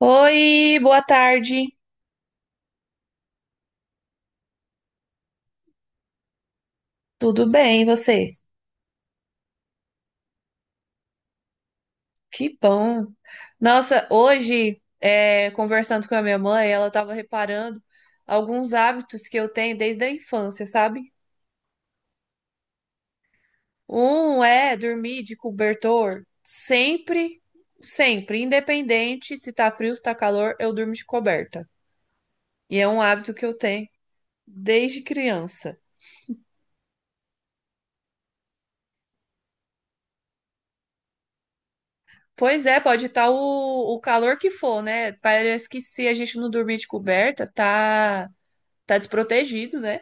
Oi, boa tarde. Tudo bem, e você? Que bom. Nossa, hoje, conversando com a minha mãe, ela estava reparando alguns hábitos que eu tenho desde a infância, sabe? Um é dormir de cobertor sempre, independente se tá frio, se tá calor, eu durmo de coberta. E é um hábito que eu tenho desde criança. Pois é, pode estar o calor que for, né? Parece que se a gente não dormir de coberta, tá. Tá desprotegido, né?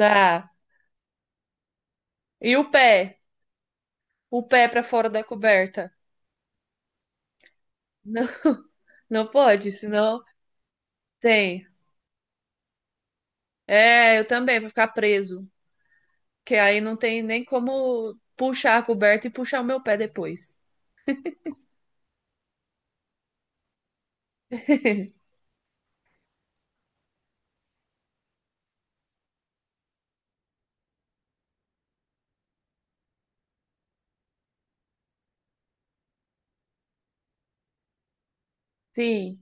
Dá. E o pé? O pé pra fora da coberta? Não, não pode, senão tem. É, eu também, vou ficar preso. Que aí não tem nem como puxar a coberta e puxar o meu pé depois. Sim.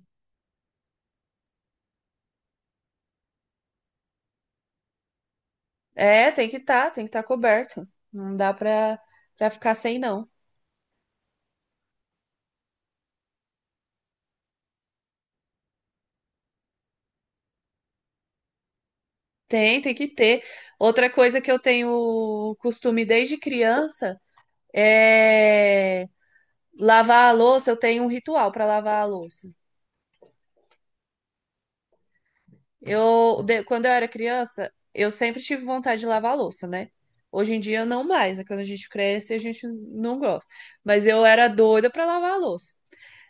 É, tem que estar coberto. Não dá pra ficar sem, não. Tem, tem que ter. Outra coisa que eu tenho costume desde criança é lavar a louça. Eu tenho um ritual pra lavar a louça. Quando eu era criança, eu sempre tive vontade de lavar a louça, né? Hoje em dia, não mais, né? Quando a gente cresce, a gente não gosta. Mas eu era doida pra lavar a louça.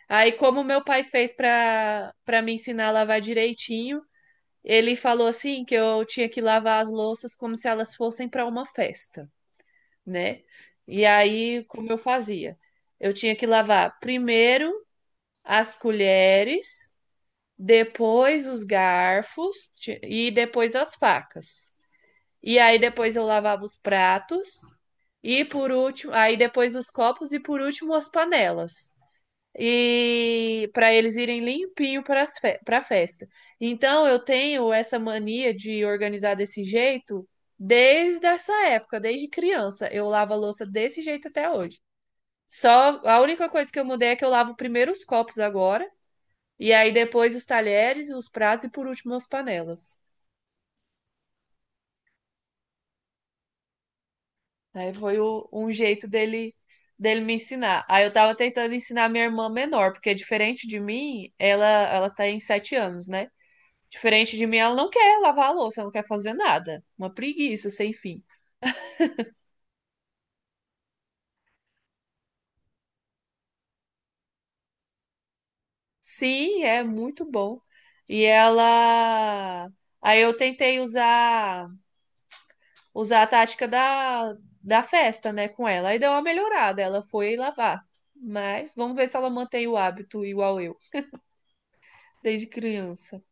Aí, como meu pai fez pra para me ensinar a lavar direitinho, ele falou assim que eu tinha que lavar as louças como se elas fossem pra uma festa, né? E aí, como eu fazia? Eu tinha que lavar primeiro as colheres, depois os e depois as facas. E aí depois eu lavava os pratos e por último, aí depois os copos e por último as panelas. E para eles irem limpinho para festa. Então eu tenho essa mania de organizar desse jeito desde essa época, desde criança. Eu lavo a louça desse jeito até hoje. Só a única coisa que eu mudei é que eu lavo primeiro os copos agora e aí depois os talheres, os pratos e por último as panelas. Um jeito dele me ensinar. Aí eu tava tentando ensinar minha irmã menor, porque diferente de mim, ela tá em 7 anos, né? Diferente de mim, ela não quer lavar a louça, ela não quer fazer nada. Uma preguiça sem fim. Sim, é muito bom. E ela. Aí eu tentei usar a tática da festa, né, com ela. Aí deu uma melhorada, ela foi lavar. Mas vamos ver se ela mantém o hábito igual eu, desde criança.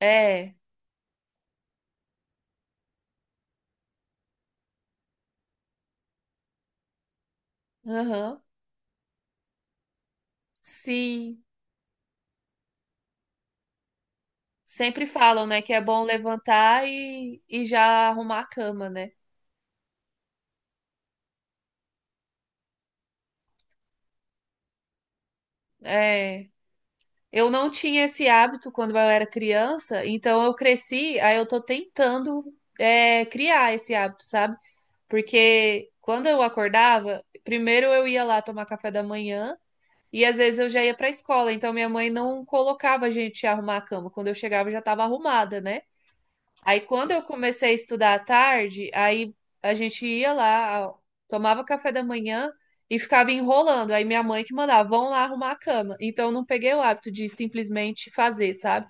É, aham, sim. Sempre falam, né, que é bom levantar e já arrumar a cama, né? É. Eu não tinha esse hábito quando eu era criança, então eu cresci, aí eu tô tentando, criar esse hábito, sabe? Porque quando eu acordava, primeiro eu ia lá tomar café da manhã. E às vezes eu já ia para a escola, então minha mãe não colocava a gente a arrumar a cama. Quando eu chegava, eu já estava arrumada, né? Aí quando eu comecei a estudar à tarde, aí a gente ia lá, tomava café da manhã e ficava enrolando. Aí minha mãe que mandava, vão lá arrumar a cama. Então eu não peguei o hábito de simplesmente fazer, sabe?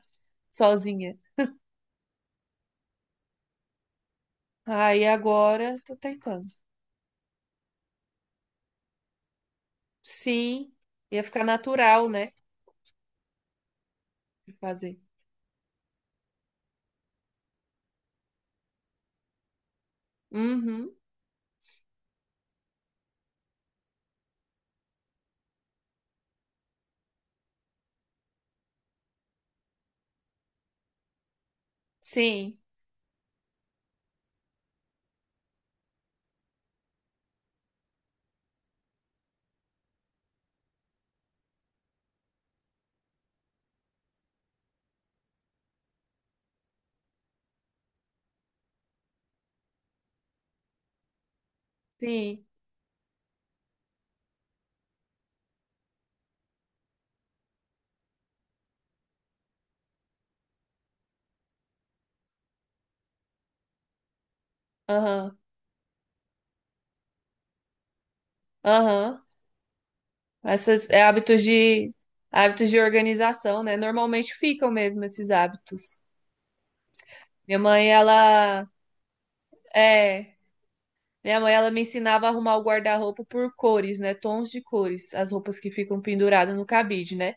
Sozinha. Aí agora tô tentando. Sim, ia ficar natural, né? De fazer. Uhum. Sim, sim. Aham, aham. Essas hábitos de organização, né? Normalmente ficam mesmo esses hábitos. Minha mãe, é, minha mãe ela me ensinava a arrumar o guarda-roupa por cores, né? Tons de cores, as roupas que ficam penduradas no cabide, né?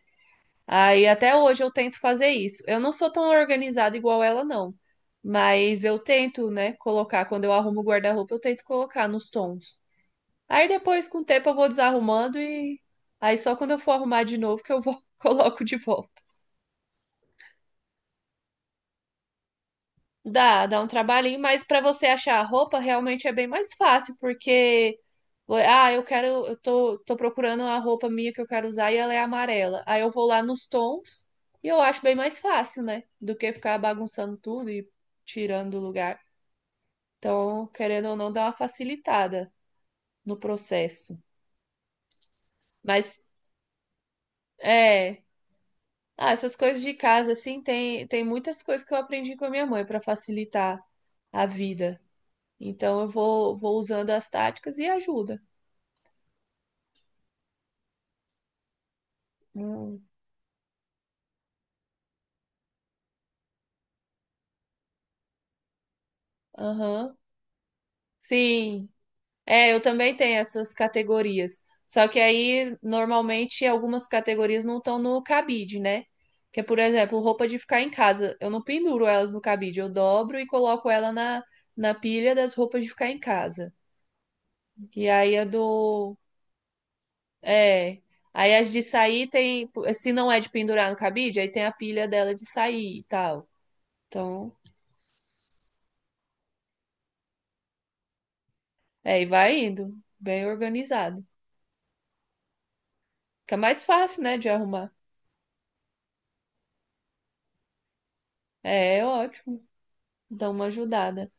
Aí até hoje eu tento fazer isso. Eu não sou tão organizada igual ela, não. Mas eu tento, né, colocar quando eu arrumo o guarda-roupa, eu tento colocar nos tons. Aí depois com o tempo eu vou desarrumando e aí só quando eu for arrumar de novo que eu vou coloco de volta. Dá, dá um trabalhinho, mas para você achar a roupa realmente é bem mais fácil, porque ah, eu quero, tô procurando a roupa minha que eu quero usar e ela é amarela. Aí eu vou lá nos tons e eu acho bem mais fácil, né? Do que ficar bagunçando tudo e tirando do lugar. Então, querendo ou não, dá uma facilitada no processo. Mas é, ah, essas coisas de casa assim, tem tem muitas coisas que eu aprendi com a minha mãe para facilitar a vida. Então eu vou, vou usando as táticas e ajuda. Hum. Aham. Sim. É, eu também tenho essas categorias. Só que aí, normalmente, algumas categorias não estão no cabide, né? Que é, por exemplo, roupa de ficar em casa. Eu não penduro elas no cabide, eu dobro e coloco ela na pilha das roupas de ficar em casa. E aí a do. É. Aí as de sair tem. Se não é de pendurar no cabide, aí tem a pilha dela de sair e tal. Então. É, e vai indo, bem organizado. Fica mais fácil, né, de arrumar. É, é ótimo. Dá uma ajudada.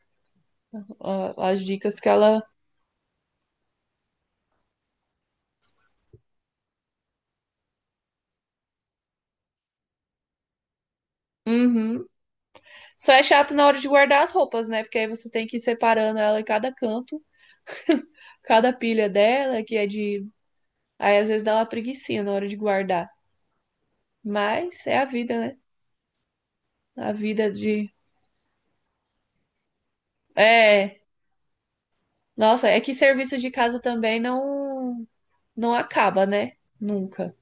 Ó, as dicas que ela. Uhum. Só é chato na hora de guardar as roupas, né? Porque aí você tem que ir separando ela em cada canto, cada pilha dela, que é de. Aí às vezes dá uma preguicinha na hora de guardar. Mas é a vida, né? A vida de. É. Nossa, é que serviço de casa também não acaba, né? Nunca.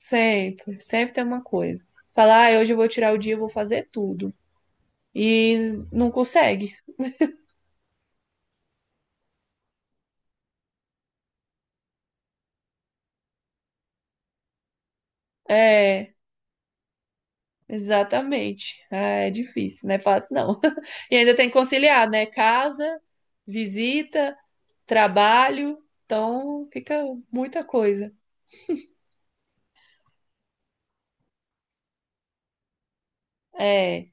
Sempre, sempre tem uma coisa. Falar, ah, hoje eu vou tirar o dia, eu vou fazer tudo. E não consegue. É, exatamente. É, é difícil, não é fácil, não. E ainda tem que conciliar, né? Casa, visita, trabalho. Então fica muita coisa. É,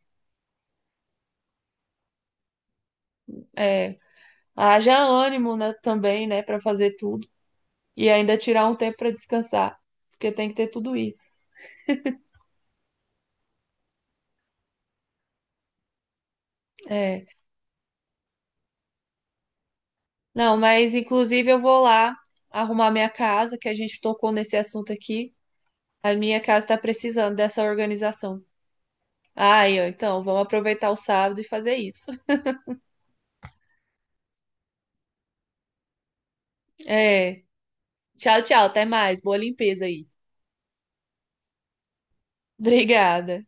é. Haja ânimo, né, também, né, para fazer tudo. E ainda tirar um tempo para descansar, porque tem que ter tudo isso. É. Não, mas inclusive eu vou lá arrumar minha casa, que a gente tocou nesse assunto aqui. A minha casa está precisando dessa organização. Aí, ó, então vamos aproveitar o sábado e fazer isso. É. Tchau, tchau, até mais. Boa limpeza aí. Obrigada.